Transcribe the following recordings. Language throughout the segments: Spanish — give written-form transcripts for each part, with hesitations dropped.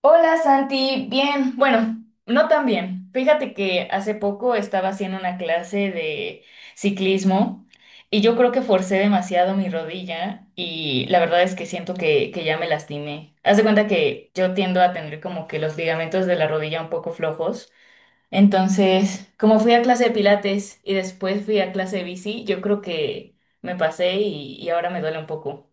Hola Santi, bien, bueno, no tan bien. Fíjate que hace poco estaba haciendo una clase de ciclismo y yo creo que forcé demasiado mi rodilla y la verdad es que siento que ya me lastimé. Haz de cuenta que yo tiendo a tener como que los ligamentos de la rodilla un poco flojos. Entonces, como fui a clase de pilates y después fui a clase de bici, yo creo que me pasé y ahora me duele un poco.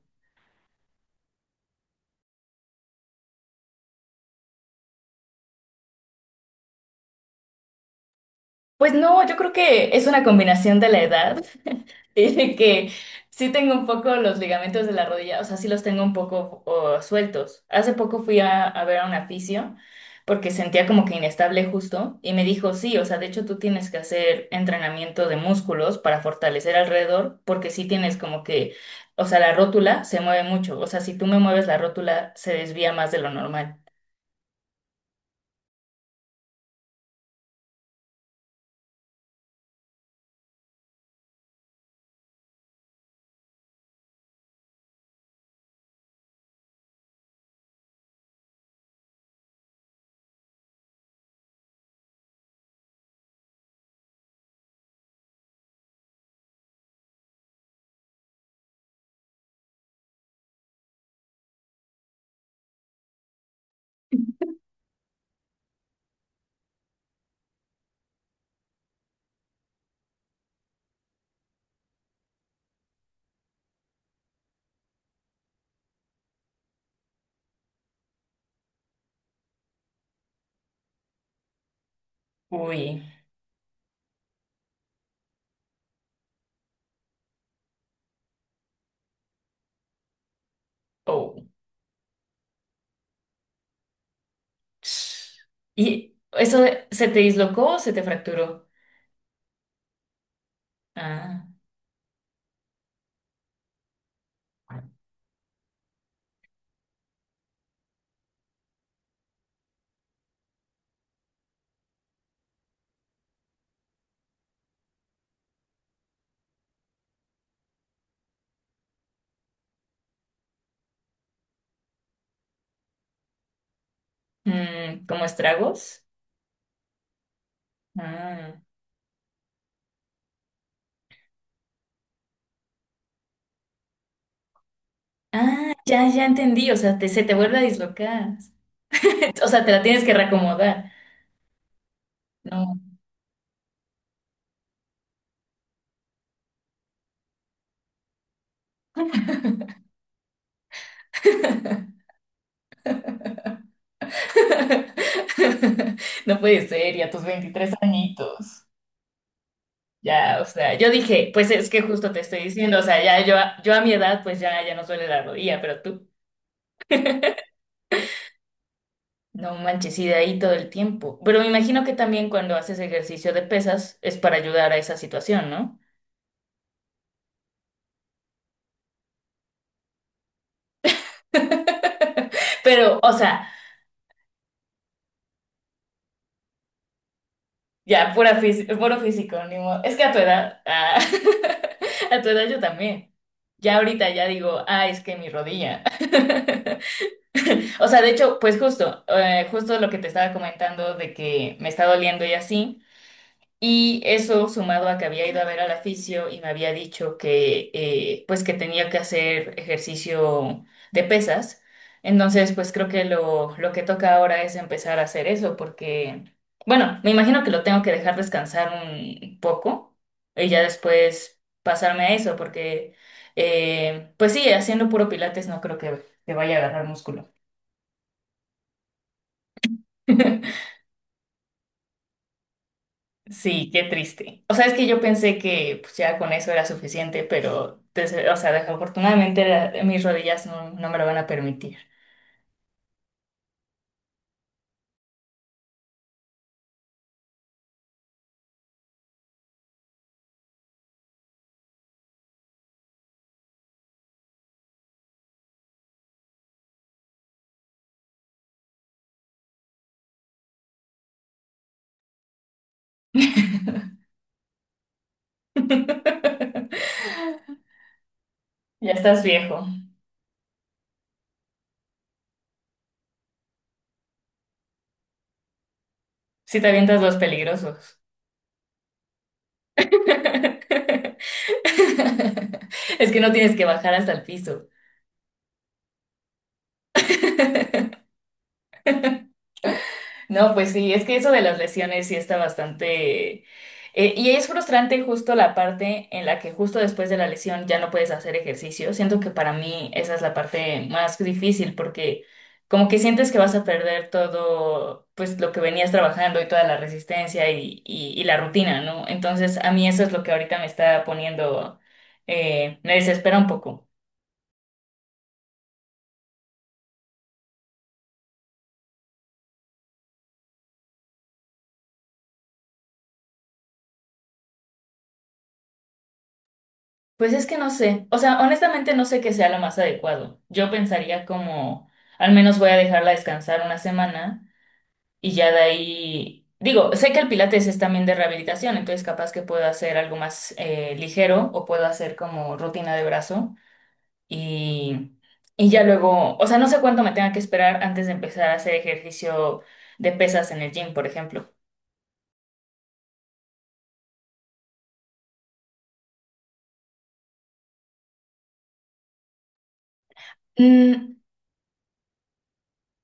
Pues no, yo creo que es una combinación de la edad. Tiene que, sí tengo un poco los ligamentos de la rodilla, o sea, sí los tengo un poco o, sueltos. Hace poco fui a ver a un fisio porque sentía como que inestable justo y me dijo, sí, o sea, de hecho tú tienes que hacer entrenamiento de músculos para fortalecer alrededor porque sí tienes como que, o sea, la rótula se mueve mucho, o sea, si tú me mueves la rótula se desvía más de lo normal. Uy, oh. ¿Y eso se te dislocó o se te fracturó? Ah. Mm, ¿como estragos? Ah. Ah, ya, ya entendí. O sea, se te vuelve a dislocar. O sea, te la tienes que reacomodar. No. No puede ser, y a tus 23 añitos. Ya, o sea, yo dije, pues es que justo te estoy diciendo, o sea, ya yo, yo a mi edad, pues ya, ya no duele la rodilla, pero tú, no manches, y de ahí todo el tiempo. Pero me imagino que también cuando haces ejercicio de pesas es para ayudar a esa situación, ¿no? Pero, o sea, ya, puro físico, ni modo. Es que a tu edad, ah, a tu edad yo también. Ya ahorita ya digo, ah, es que mi rodilla. O sea, de hecho, pues justo, justo lo que te estaba comentando de que me está doliendo y así. Y eso sumado a que había ido a ver al aficio y me había dicho que pues que tenía que hacer ejercicio de pesas. Entonces, pues creo que lo que toca ahora es empezar a hacer eso, porque, bueno, me imagino que lo tengo que dejar descansar un poco y ya después pasarme a eso, porque pues sí, haciendo puro pilates no creo que vaya a agarrar músculo. Sí, qué triste. O sea, es que yo pensé que pues, ya con eso era suficiente, pero, o sea, desafortunadamente mis rodillas no, no me lo van a permitir. Ya estás viejo. Si te avientas los peligrosos. Es que no tienes que bajar hasta el piso. No, pues sí, es que eso de las lesiones sí está bastante... y es frustrante justo la parte en la que justo después de la lesión ya no puedes hacer ejercicio. Siento que para mí esa es la parte más difícil porque como que sientes que vas a perder todo, pues lo que venías trabajando y toda la resistencia y la rutina, ¿no? Entonces a mí eso es lo que ahorita me está poniendo, me desespera un poco. Pues es que no sé, o sea, honestamente no sé qué sea lo más adecuado. Yo pensaría como, al menos voy a dejarla descansar una semana y ya de ahí, digo, sé que el pilates es también de rehabilitación, entonces capaz que puedo hacer algo más ligero o puedo hacer como rutina de brazo y, y ya luego, o sea, no sé cuánto me tenga que esperar antes de empezar a hacer ejercicio de pesas en el gym, por ejemplo.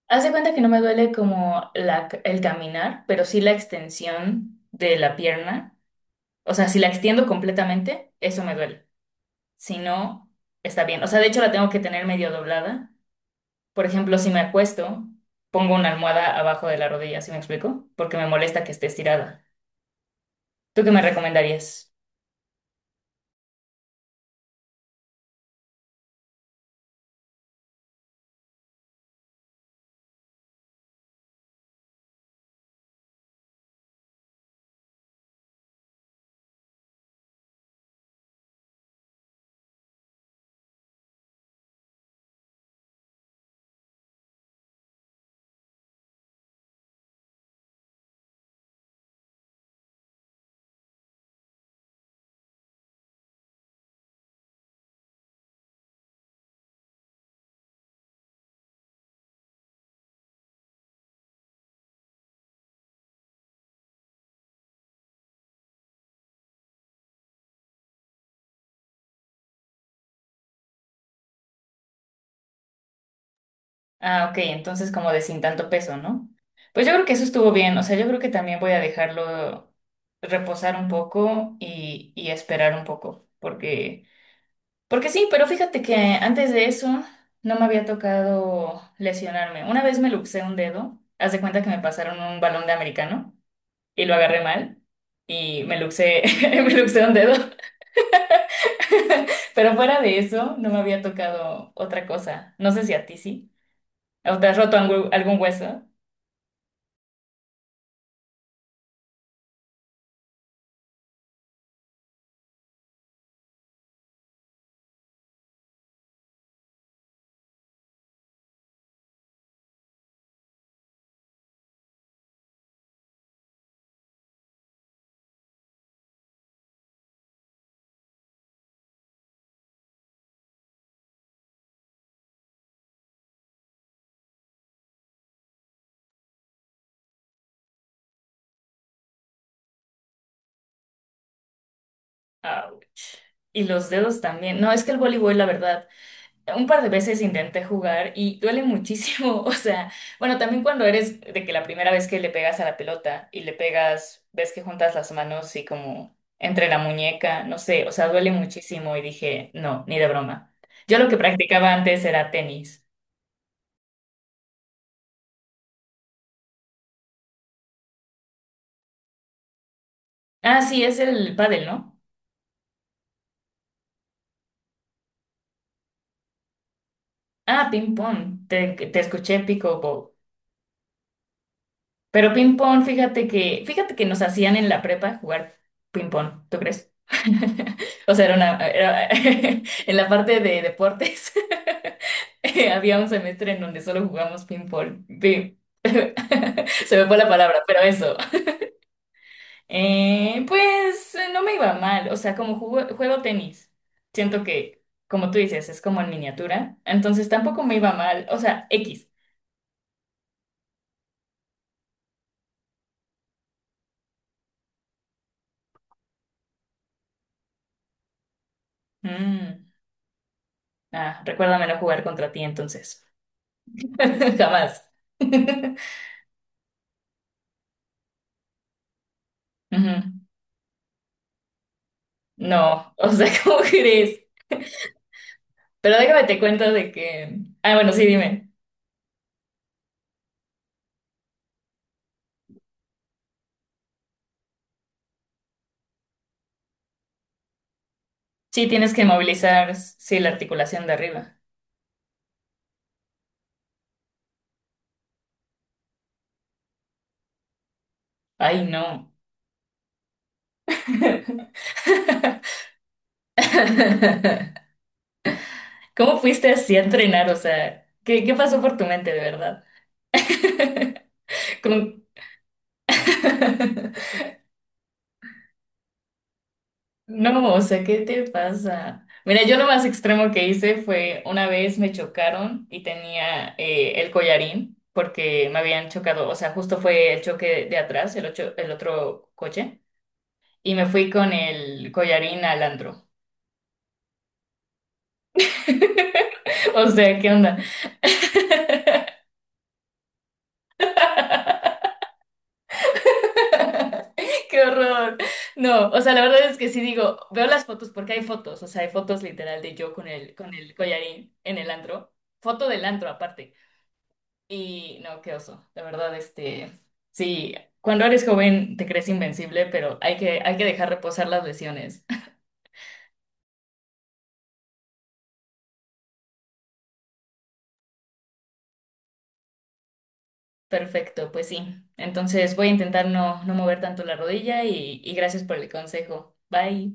Haz de cuenta que no me duele como el caminar, pero sí la extensión de la pierna. O sea, si la extiendo completamente, eso me duele. Si no, está bien. O sea, de hecho la tengo que tener medio doblada. Por ejemplo, si me acuesto, pongo una almohada abajo de la rodilla, ¿sí me explico? Porque me molesta que esté estirada. ¿Tú qué me recomendarías? Ah, ok, entonces como de sin tanto peso, ¿no? Pues yo creo que eso estuvo bien. O sea, yo creo que también voy a dejarlo reposar un poco y esperar un poco, porque... Porque sí, pero fíjate que antes de eso no me había tocado lesionarme. Una vez me luxé un dedo, haz de cuenta que me pasaron un balón de americano y lo agarré mal y me luxé, me luxé un dedo. Pero fuera de eso no me había tocado otra cosa. No sé si a ti sí. ¿O te has roto algún hueso? Ouch. Y los dedos también. No, es que el voleibol, la verdad. Un par de veces intenté jugar y duele muchísimo, o sea, bueno, también cuando eres de que la primera vez que le pegas a la pelota y le pegas, ves que juntas las manos y como entre la muñeca, no sé, o sea, duele muchísimo y dije, no, ni de broma. Yo lo que practicaba antes era tenis. Ah, sí, es el pádel, ¿no? Ah, ping pong, te escuché pico. Pero ping pong, fíjate que nos hacían en la prepa jugar ping pong, ¿tú crees? O sea, en la parte de deportes había un semestre en donde solo jugamos ping pong. Se me fue la palabra, pero eso. Pues no me iba mal, o sea, juego tenis, siento que, como tú dices, es como en miniatura, entonces tampoco me iba mal, o sea, X. Mm, ah, recuérdamelo jugar contra ti entonces. Jamás. Ujú. No, o sea, ¿cómo crees? Pero déjame te cuento de que... Ah, bueno, sí, dime. Sí, tienes que movilizar, sí, la articulación de arriba. Ay, no. ¿Cómo fuiste así a entrenar? O sea, qué pasó por tu mente, de verdad? Con- No, o sea, ¿qué te pasa? Mira, yo lo más extremo que hice fue una vez me chocaron y tenía el collarín porque me habían chocado, o sea, justo fue el choque de atrás, el otro coche, y me fui con el collarín al andro. O sea, ¿qué onda? ¡Qué horror! No, o sea, la verdad es que sí digo, veo las fotos porque hay fotos, o sea, hay fotos literal de yo con con el collarín en el antro, foto del antro aparte. Y no, qué oso. La verdad, este, sí, cuando eres joven te crees invencible, pero hay que dejar reposar las lesiones. Perfecto, pues sí. Entonces voy a intentar no, no mover tanto la rodilla y gracias por el consejo. Bye.